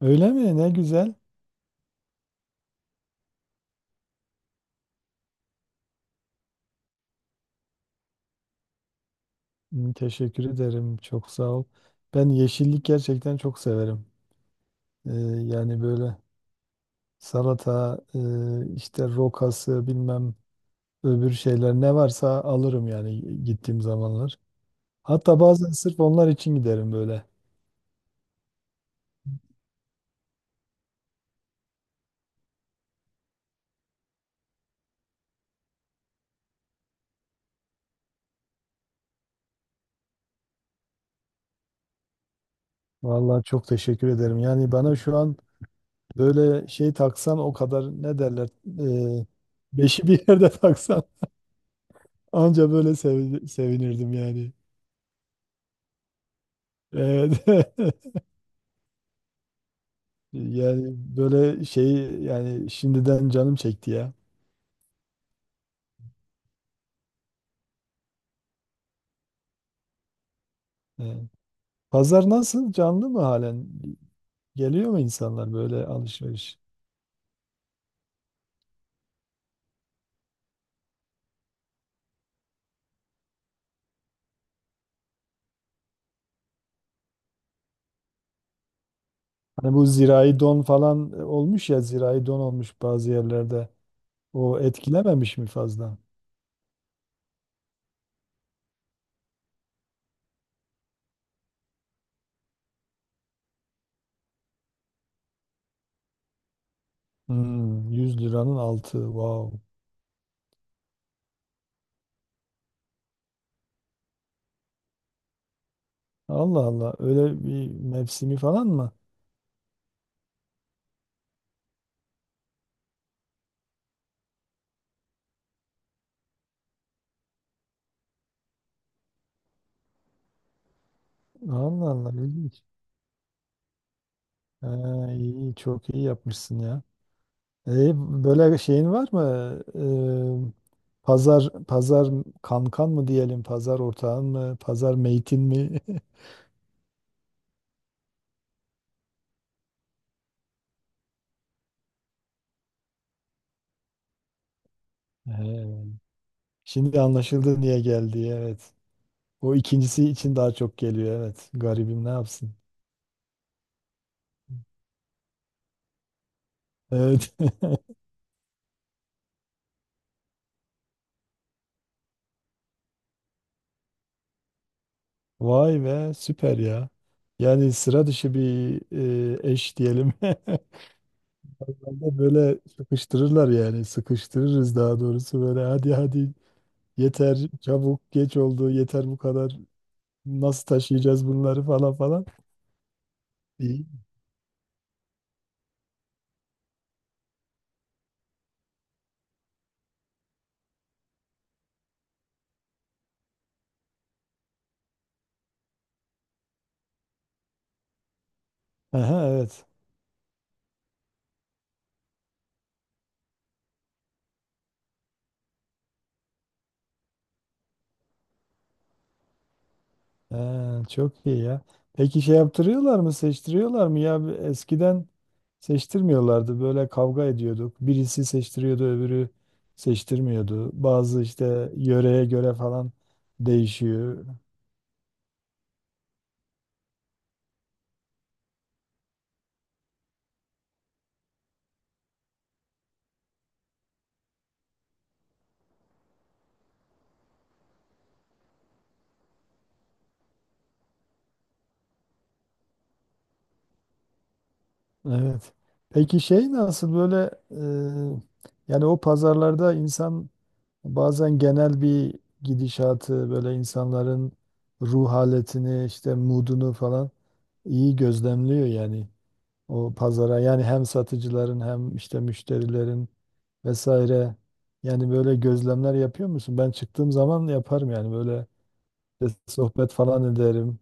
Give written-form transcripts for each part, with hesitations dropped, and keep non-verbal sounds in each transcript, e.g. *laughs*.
Öyle mi? Ne güzel. Hmm, teşekkür ederim. Çok sağ ol. Ben yeşillik gerçekten çok severim. Ee, Yani böyle salata, işte rokası, bilmem öbür şeyler ne varsa alırım yani gittiğim zamanlar. Hatta bazen sırf onlar için giderim böyle. Vallahi çok teşekkür ederim. Yani bana şu an böyle şey taksan o kadar ne derler? e, Beşi bir yerde *laughs* taksan anca böyle sevinirdim yani. Evet. *laughs* Yani böyle şey yani şimdiden canım çekti ya. Evet. Pazar nasıl? Canlı mı halen? Geliyor mu insanlar böyle alışveriş? Hani bu zirai don falan olmuş ya, zirai don olmuş bazı yerlerde. O etkilememiş mi fazla? Hmm, 100 liranın altı. Wow. Allah Allah. Öyle bir mevsimi falan mı? Allah Allah, ilginç. Ha, iyi, çok iyi yapmışsın ya. E, böyle şeyin var mı? E, pazar pazar kankan mı diyelim, pazar ortağın mı, pazar meytin mi? *laughs* He. Şimdi anlaşıldı niye geldi. Evet. O ikincisi için daha çok geliyor. Evet. Garibim ne yapsın? Evet. *laughs* Vay be, süper ya. Yani sıra dışı bir eş diyelim. *laughs* Herhalde böyle sıkıştırırlar yani. Sıkıştırırız daha doğrusu, böyle hadi hadi, yeter, çabuk geç oldu, yeter bu kadar. Nasıl taşıyacağız bunları falan falan. İyi. Aha, evet. Ha, çok iyi ya. Peki şey yaptırıyorlar mı, seçtiriyorlar mı ya? Eskiden seçtirmiyorlardı. Böyle kavga ediyorduk. Birisi seçtiriyordu, öbürü seçtirmiyordu. Bazı işte yöreye göre falan değişiyor. Evet. Peki şey nasıl böyle, yani o pazarlarda insan bazen genel bir gidişatı, böyle insanların ruh haletini, işte moodunu falan iyi gözlemliyor yani, o pazara yani, hem satıcıların hem işte müşterilerin vesaire, yani böyle gözlemler yapıyor musun? Ben çıktığım zaman yaparım yani, böyle işte sohbet falan ederim.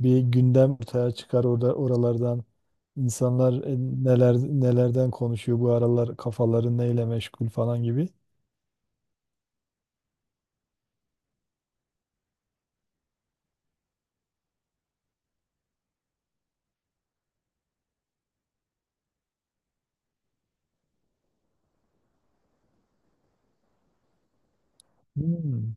Bir gündem ortaya çıkar orada, oralardan. İnsanlar neler nelerden konuşuyor bu aralar, kafaları neyle meşgul falan gibi. Hmm,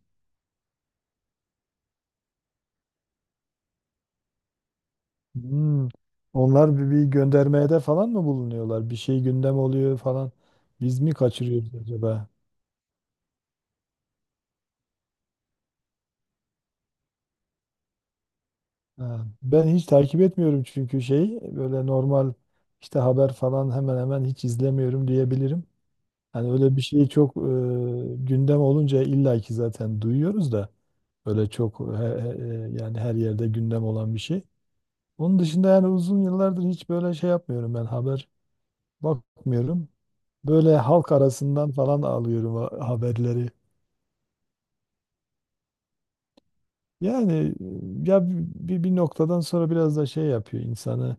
hmm. Onlar bir göndermeye de falan mı bulunuyorlar? Bir şey gündem oluyor falan. Biz mi kaçırıyoruz acaba? Ha, ben hiç takip etmiyorum çünkü şey, böyle normal işte haber falan hemen hemen hiç izlemiyorum diyebilirim. Hani öyle bir şey çok gündem olunca illaki zaten duyuyoruz da, öyle çok yani her yerde gündem olan bir şey. Onun dışında yani uzun yıllardır hiç böyle şey yapmıyorum, ben haber bakmıyorum. Böyle halk arasından falan alıyorum haberleri. Yani ya bir noktadan sonra biraz da şey yapıyor insanı,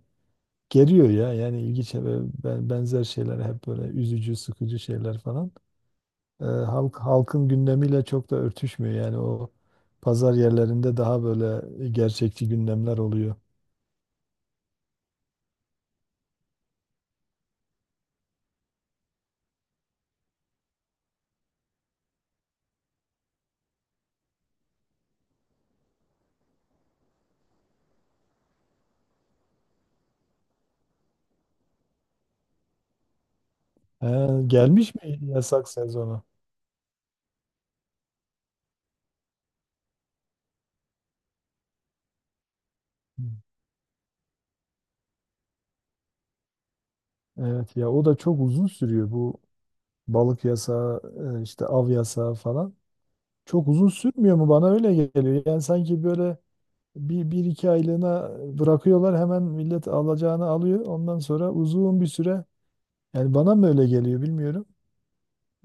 geriyor ya yani, ilginç ve benzer şeyler, hep böyle üzücü sıkıcı şeyler falan. Halk, halkın gündemiyle çok da örtüşmüyor. Yani o pazar yerlerinde daha böyle gerçekçi gündemler oluyor. He, gelmiş mi yasak sezonu? Evet ya, o da çok uzun sürüyor, bu balık yasağı işte av yasağı falan. Çok uzun sürmüyor mu, bana öyle geliyor. Yani sanki böyle bir iki aylığına bırakıyorlar, hemen millet alacağını alıyor. Ondan sonra uzun bir süre, yani bana mı öyle geliyor, bilmiyorum.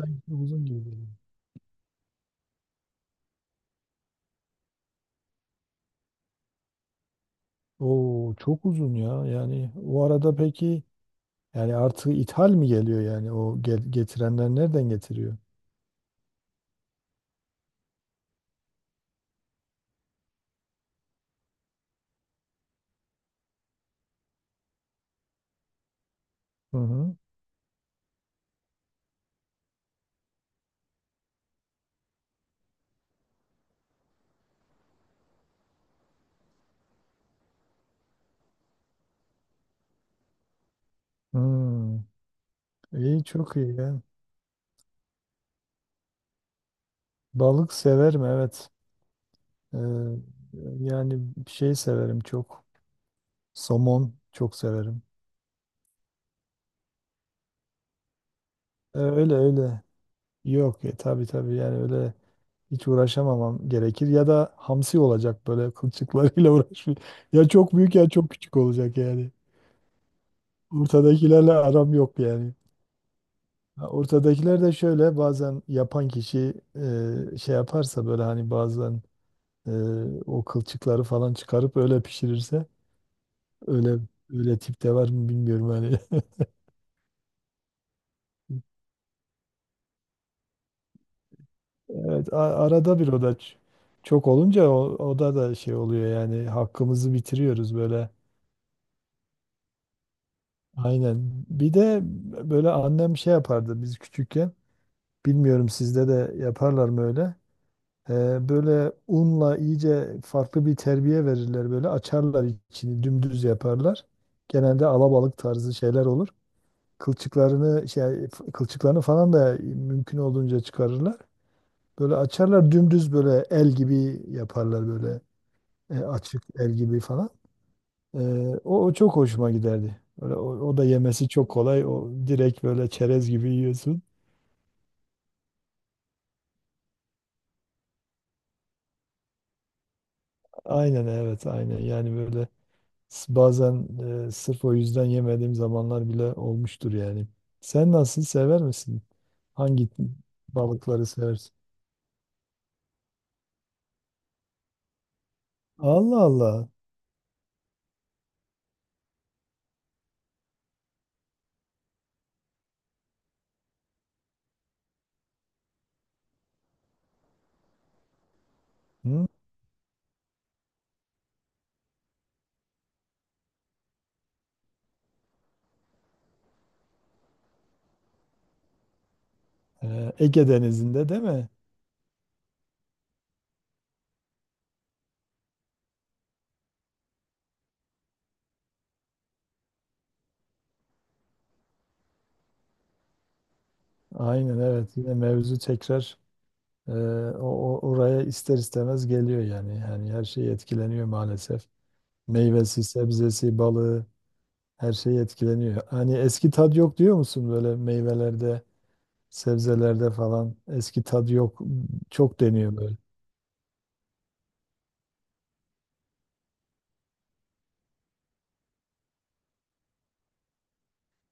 Çok uzun gibi geliyor. Oo, çok uzun ya. Yani o arada peki, yani artık ithal mi geliyor, yani o getirenler nereden getiriyor? Hı hı. Hmm. İyi, çok iyi ya. Balık severim, evet. Ee, Yani şey severim çok. Somon çok severim. Öyle öyle. Yok, tabii tabii, yani öyle hiç uğraşamamam gerekir ya da hamsi olacak, böyle kılçıklarıyla *laughs* uğraşmayayım. Ya çok büyük ya çok küçük olacak yani. Ortadakilerle aram yok yani. Ha, ortadakiler de şöyle, bazen yapan kişi şey yaparsa, böyle hani bazen e, o kılçıkları falan çıkarıp öyle pişirirse, öyle öyle tip de var mı bilmiyorum hani. *laughs* Evet, arada bir o da çok olunca o da da şey oluyor yani, hakkımızı bitiriyoruz böyle. Aynen. Bir de böyle annem şey yapardı biz küçükken. Bilmiyorum, sizde de yaparlar mı öyle? Böyle unla iyice farklı bir terbiye verirler, böyle açarlar içini dümdüz yaparlar. Genelde alabalık tarzı şeyler olur. Kılçıklarını şey kılçıklarını falan da mümkün olduğunca çıkarırlar. Böyle açarlar dümdüz, böyle el gibi yaparlar, böyle açık el gibi falan. Ee, O çok hoşuma giderdi. Böyle, o da yemesi çok kolay. O direkt böyle çerez gibi yiyorsun. Aynen evet, aynen yani böyle, bazen sırf o yüzden yemediğim zamanlar bile olmuştur yani. Sen nasıl, sever misin? Hangi balıkları seversin? Allah Allah. Hı? Ege Denizi'nde değil mi? Aynen evet. Yine mevzu tekrar e, oraya ister istemez geliyor yani. Yani her şey etkileniyor maalesef. Meyvesi, sebzesi, balığı, her şey etkileniyor. Hani eski tad yok diyor musun böyle meyvelerde, sebzelerde falan? Eski tad yok. Çok deniyor böyle.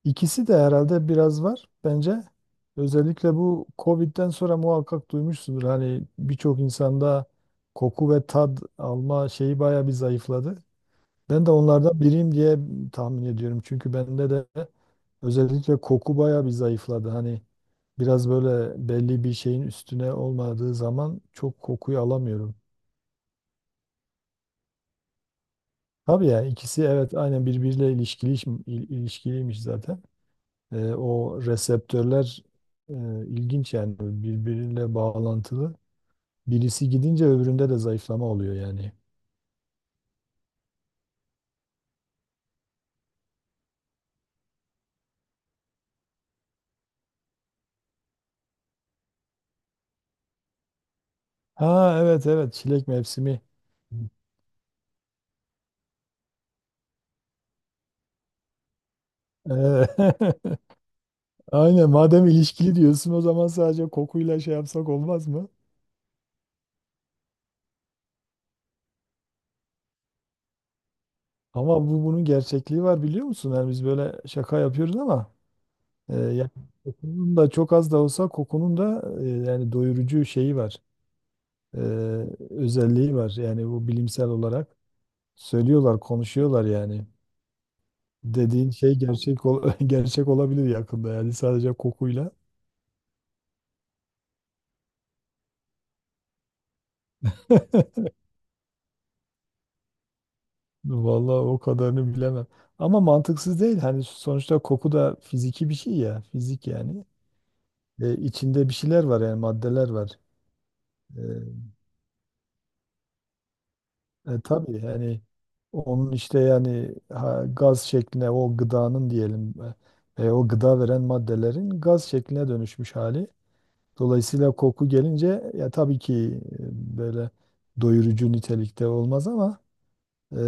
İkisi de herhalde biraz var bence. Özellikle bu Covid'den sonra muhakkak duymuşsundur. Hani birçok insanda koku ve tad alma şeyi bayağı bir zayıfladı. Ben de onlardan biriyim diye tahmin ediyorum. Çünkü bende de özellikle koku bayağı bir zayıfladı. Hani biraz böyle belli bir şeyin üstüne olmadığı zaman çok kokuyu alamıyorum. Tabii ya, ikisi evet, aynen birbiriyle ilişkiliymiş zaten. E, o reseptörler e, ilginç yani, birbiriyle bağlantılı. Birisi gidince öbüründe de zayıflama oluyor yani. Ha evet evet, çilek mevsimi. Ee, *laughs* Aynen, madem ilişkili diyorsun o zaman sadece kokuyla şey yapsak olmaz mı? Ama bu, bunun gerçekliği var biliyor musun? Yani biz böyle şaka yapıyoruz ama yani kokunun da, çok az da olsa kokunun da, yani doyurucu şeyi var. E, özelliği var. Yani bu bilimsel olarak söylüyorlar, konuşuyorlar yani. Dediğin şey gerçek ol *laughs* gerçek olabilir yakında, yani sadece kokuyla. *laughs* Vallahi o kadarını bilemem. Ama mantıksız değil. Hani sonuçta koku da fiziki bir şey ya. Fizik yani. E, içinde bir şeyler var yani, maddeler var. E, tabii yani, onun işte yani ha, gaz şekline, o gıdanın diyelim o gıda veren maddelerin gaz şekline dönüşmüş hali. Dolayısıyla koku gelince ya, tabii ki böyle doyurucu nitelikte olmaz ama e,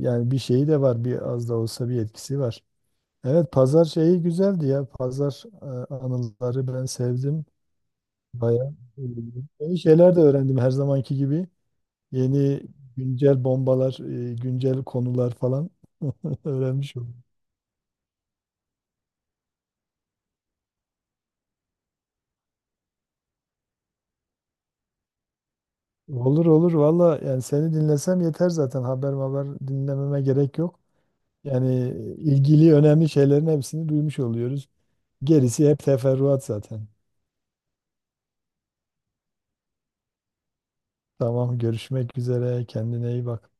yani bir şeyi de var, bir az da olsa bir etkisi var. Evet, pazar şeyi güzeldi ya. Pazar anıları ben sevdim. Bayağı e, yeni şeyler de öğrendim her zamanki gibi. Yeni güncel bombalar, güncel konular falan *laughs* öğrenmiş oldum. Olur olur valla, yani seni dinlesem yeter, zaten haber haber dinlememe gerek yok. Yani ilgili önemli şeylerin hepsini duymuş oluyoruz. Gerisi hep teferruat zaten. Tamam, görüşmek üzere, kendine iyi bak.